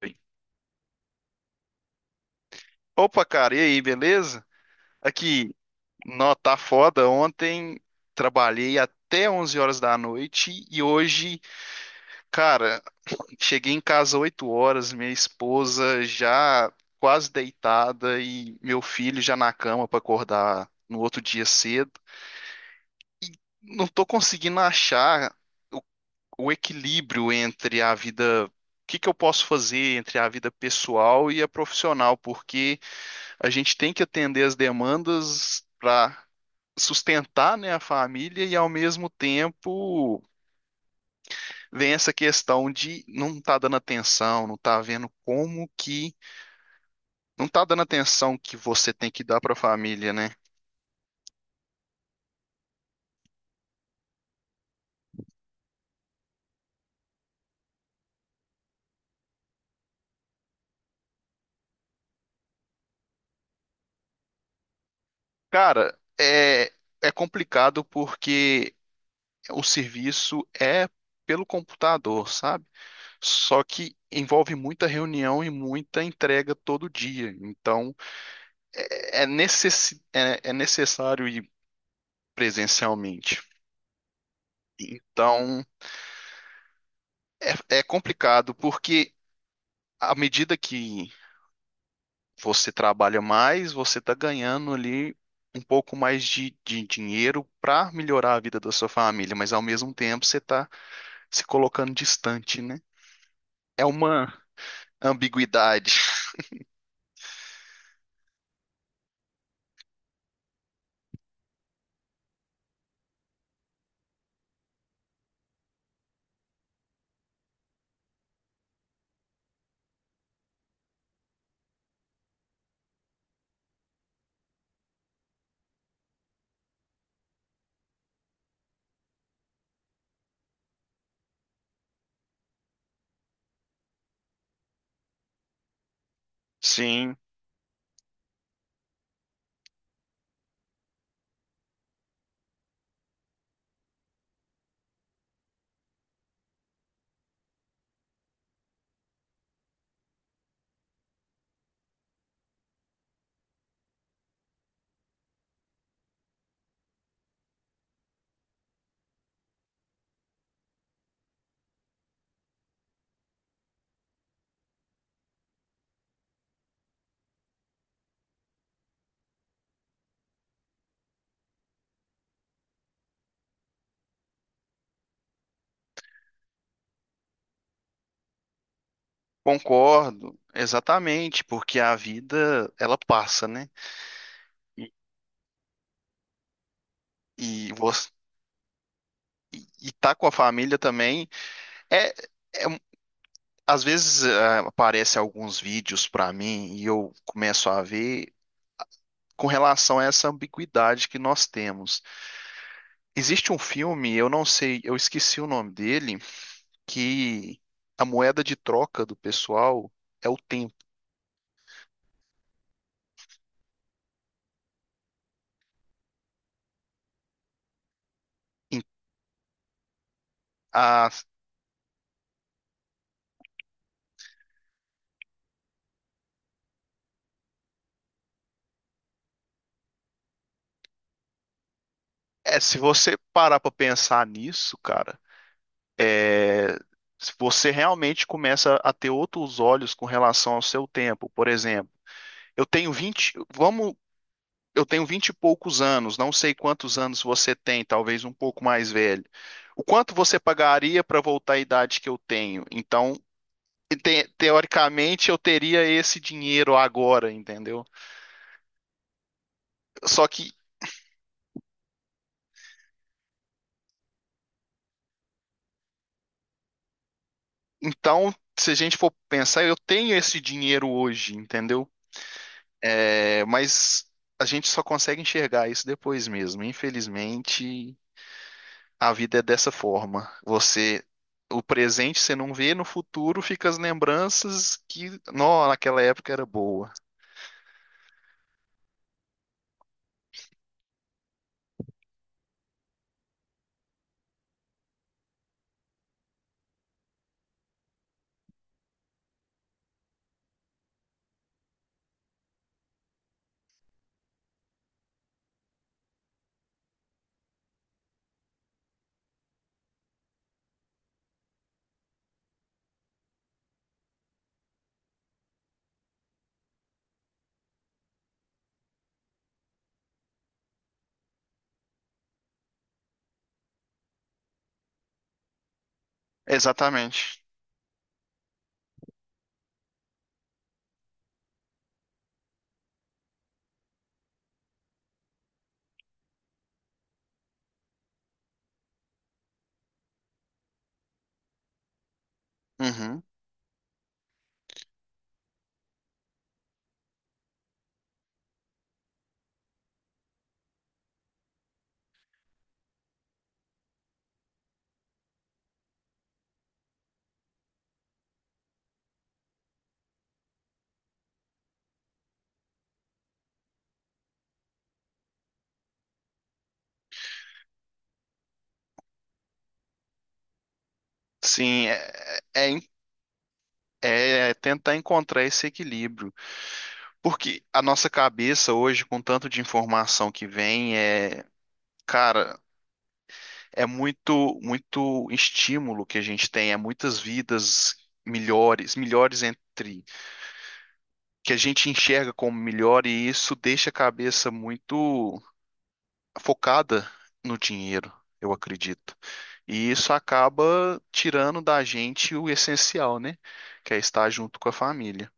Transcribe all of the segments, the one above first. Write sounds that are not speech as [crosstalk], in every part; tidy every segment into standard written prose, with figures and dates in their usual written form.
Bem, opa, cara, e aí, beleza? Aqui, nó, tá foda. Ontem trabalhei até 11 horas da noite e hoje, cara, [clears throat] cheguei em casa 8 horas, minha esposa já quase deitada e meu filho já na cama pra acordar no outro dia cedo. E não tô conseguindo achar o, o equilíbrio entre a vida, o que que eu posso fazer entre a vida pessoal e a profissional, porque a gente tem que atender as demandas para sustentar, né, a família e ao mesmo tempo vem essa questão de não tá dando atenção, não tá vendo como que não tá dando atenção que você tem que dar para a família, né? Cara, é complicado porque o serviço é pelo computador, sabe? Só que envolve muita reunião e muita entrega todo dia. Então, é necessário e presencialmente. Então, é, é complicado, porque à medida que você trabalha mais, você está ganhando ali um pouco mais de dinheiro para melhorar a vida da sua família, mas ao mesmo tempo você está se colocando distante, né? É uma ambiguidade. Sim, concordo, exatamente, porque a vida ela passa, né? E, e você e tá com a família também é, é. Às vezes aparece alguns vídeos para mim e eu começo a ver com relação a essa ambiguidade que nós temos. Existe um filme, eu não sei, eu esqueci o nome dele, que a moeda de troca do pessoal é o tempo. Em- a- É, se você parar para pensar nisso, cara, é, se você realmente começa a ter outros olhos com relação ao seu tempo. Por exemplo, eu tenho 20, vamos eu tenho vinte e poucos anos, não sei quantos anos você tem, talvez um pouco mais velho. O quanto você pagaria para voltar à idade que eu tenho? Então, teoricamente, eu teria esse dinheiro agora, entendeu? Só que, então, se a gente for pensar, eu tenho esse dinheiro hoje, entendeu? É, mas a gente só consegue enxergar isso depois mesmo. Infelizmente, a vida é dessa forma. Você, o presente você não vê, no futuro fica as lembranças que, não, naquela época era boa. Exatamente. Uhum. Sim, é tentar encontrar esse equilíbrio. Porque a nossa cabeça hoje, com tanto de informação que vem, é, cara, é muito, muito estímulo que a gente tem, é muitas vidas melhores entre que a gente enxerga como melhor, e isso deixa a cabeça muito focada no dinheiro, eu acredito. E isso acaba tirando da gente o essencial, né? Que é estar junto com a família.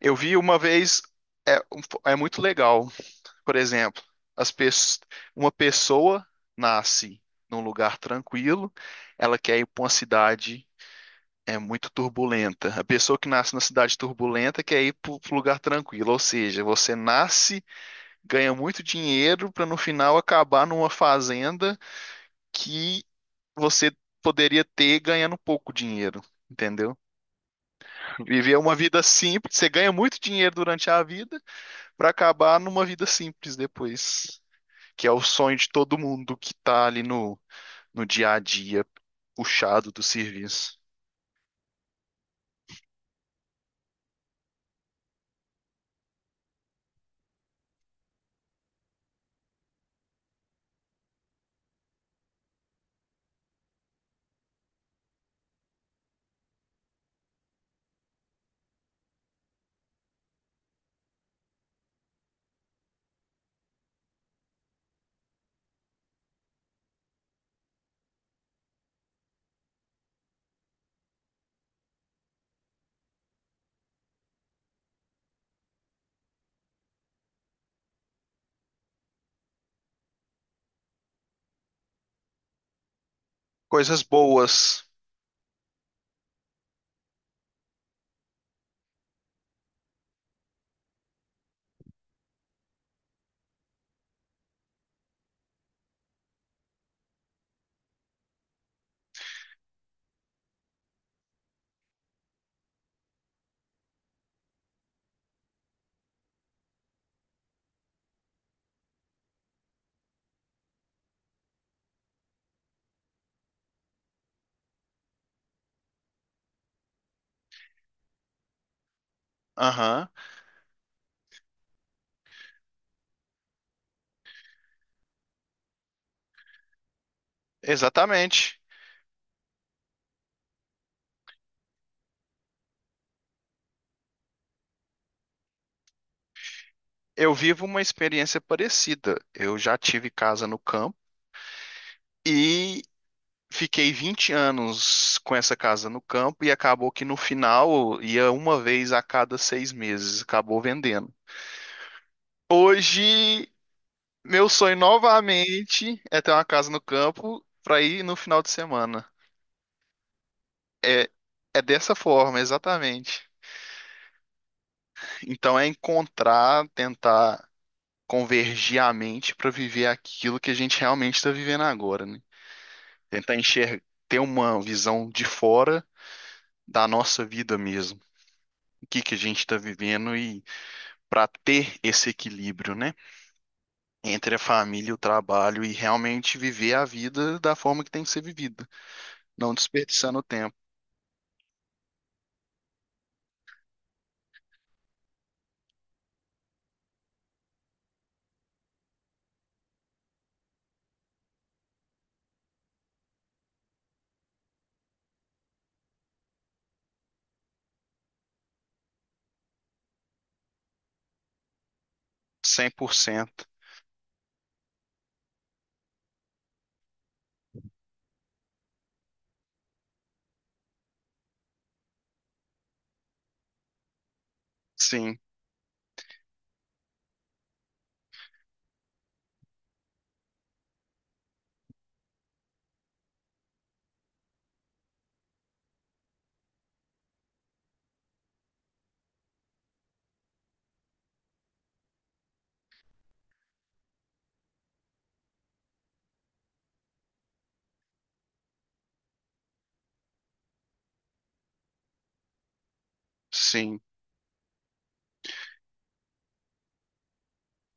Eu vi uma vez, é, é muito legal, por exemplo, as pes- uma pessoa nasce num lugar tranquilo, ela quer ir para uma cidade é muito turbulenta. A pessoa que nasce na cidade turbulenta quer ir para um lugar tranquilo, ou seja, você nasce ganha muito dinheiro para no final acabar numa fazenda que você poderia ter ganhando pouco dinheiro, entendeu? Viver uma vida simples, você ganha muito dinheiro durante a vida para acabar numa vida simples depois, que é o sonho de todo mundo que tá ali no dia a dia puxado do serviço. Coisas boas. Aham, exatamente. Eu vivo uma experiência parecida. Eu já tive casa no campo e fiquei 20 anos com essa casa no campo e acabou que no final ia uma vez a cada 6 meses, acabou vendendo. Hoje, meu sonho novamente é ter uma casa no campo para ir no final de semana. É, é dessa forma, exatamente. Então é encontrar, tentar convergir a mente para viver aquilo que a gente realmente está vivendo agora, né? Tentar enxergar, ter uma visão de fora da nossa vida mesmo. O que que a gente está vivendo e para ter esse equilíbrio, né, entre a família e o trabalho e realmente viver a vida da forma que tem que ser vivida, não desperdiçando tempo, 100%. Sim, sim.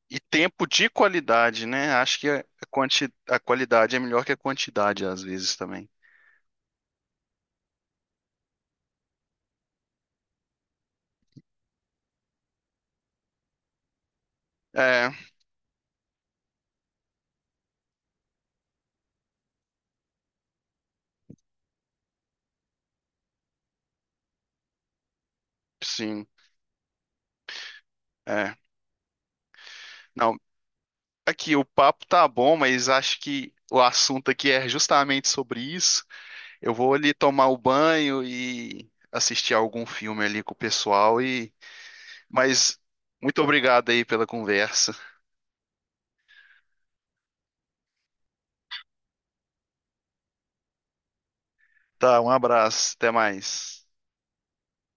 E tempo de qualidade, né? Acho que a qualidade é melhor que a quantidade às vezes também. É, sim, é. Não, aqui o papo tá bom, mas acho que o assunto aqui é justamente sobre isso. Eu vou ali tomar o banho e assistir algum filme ali com o pessoal. E mas muito obrigado aí pela conversa. Tá, um abraço, até mais.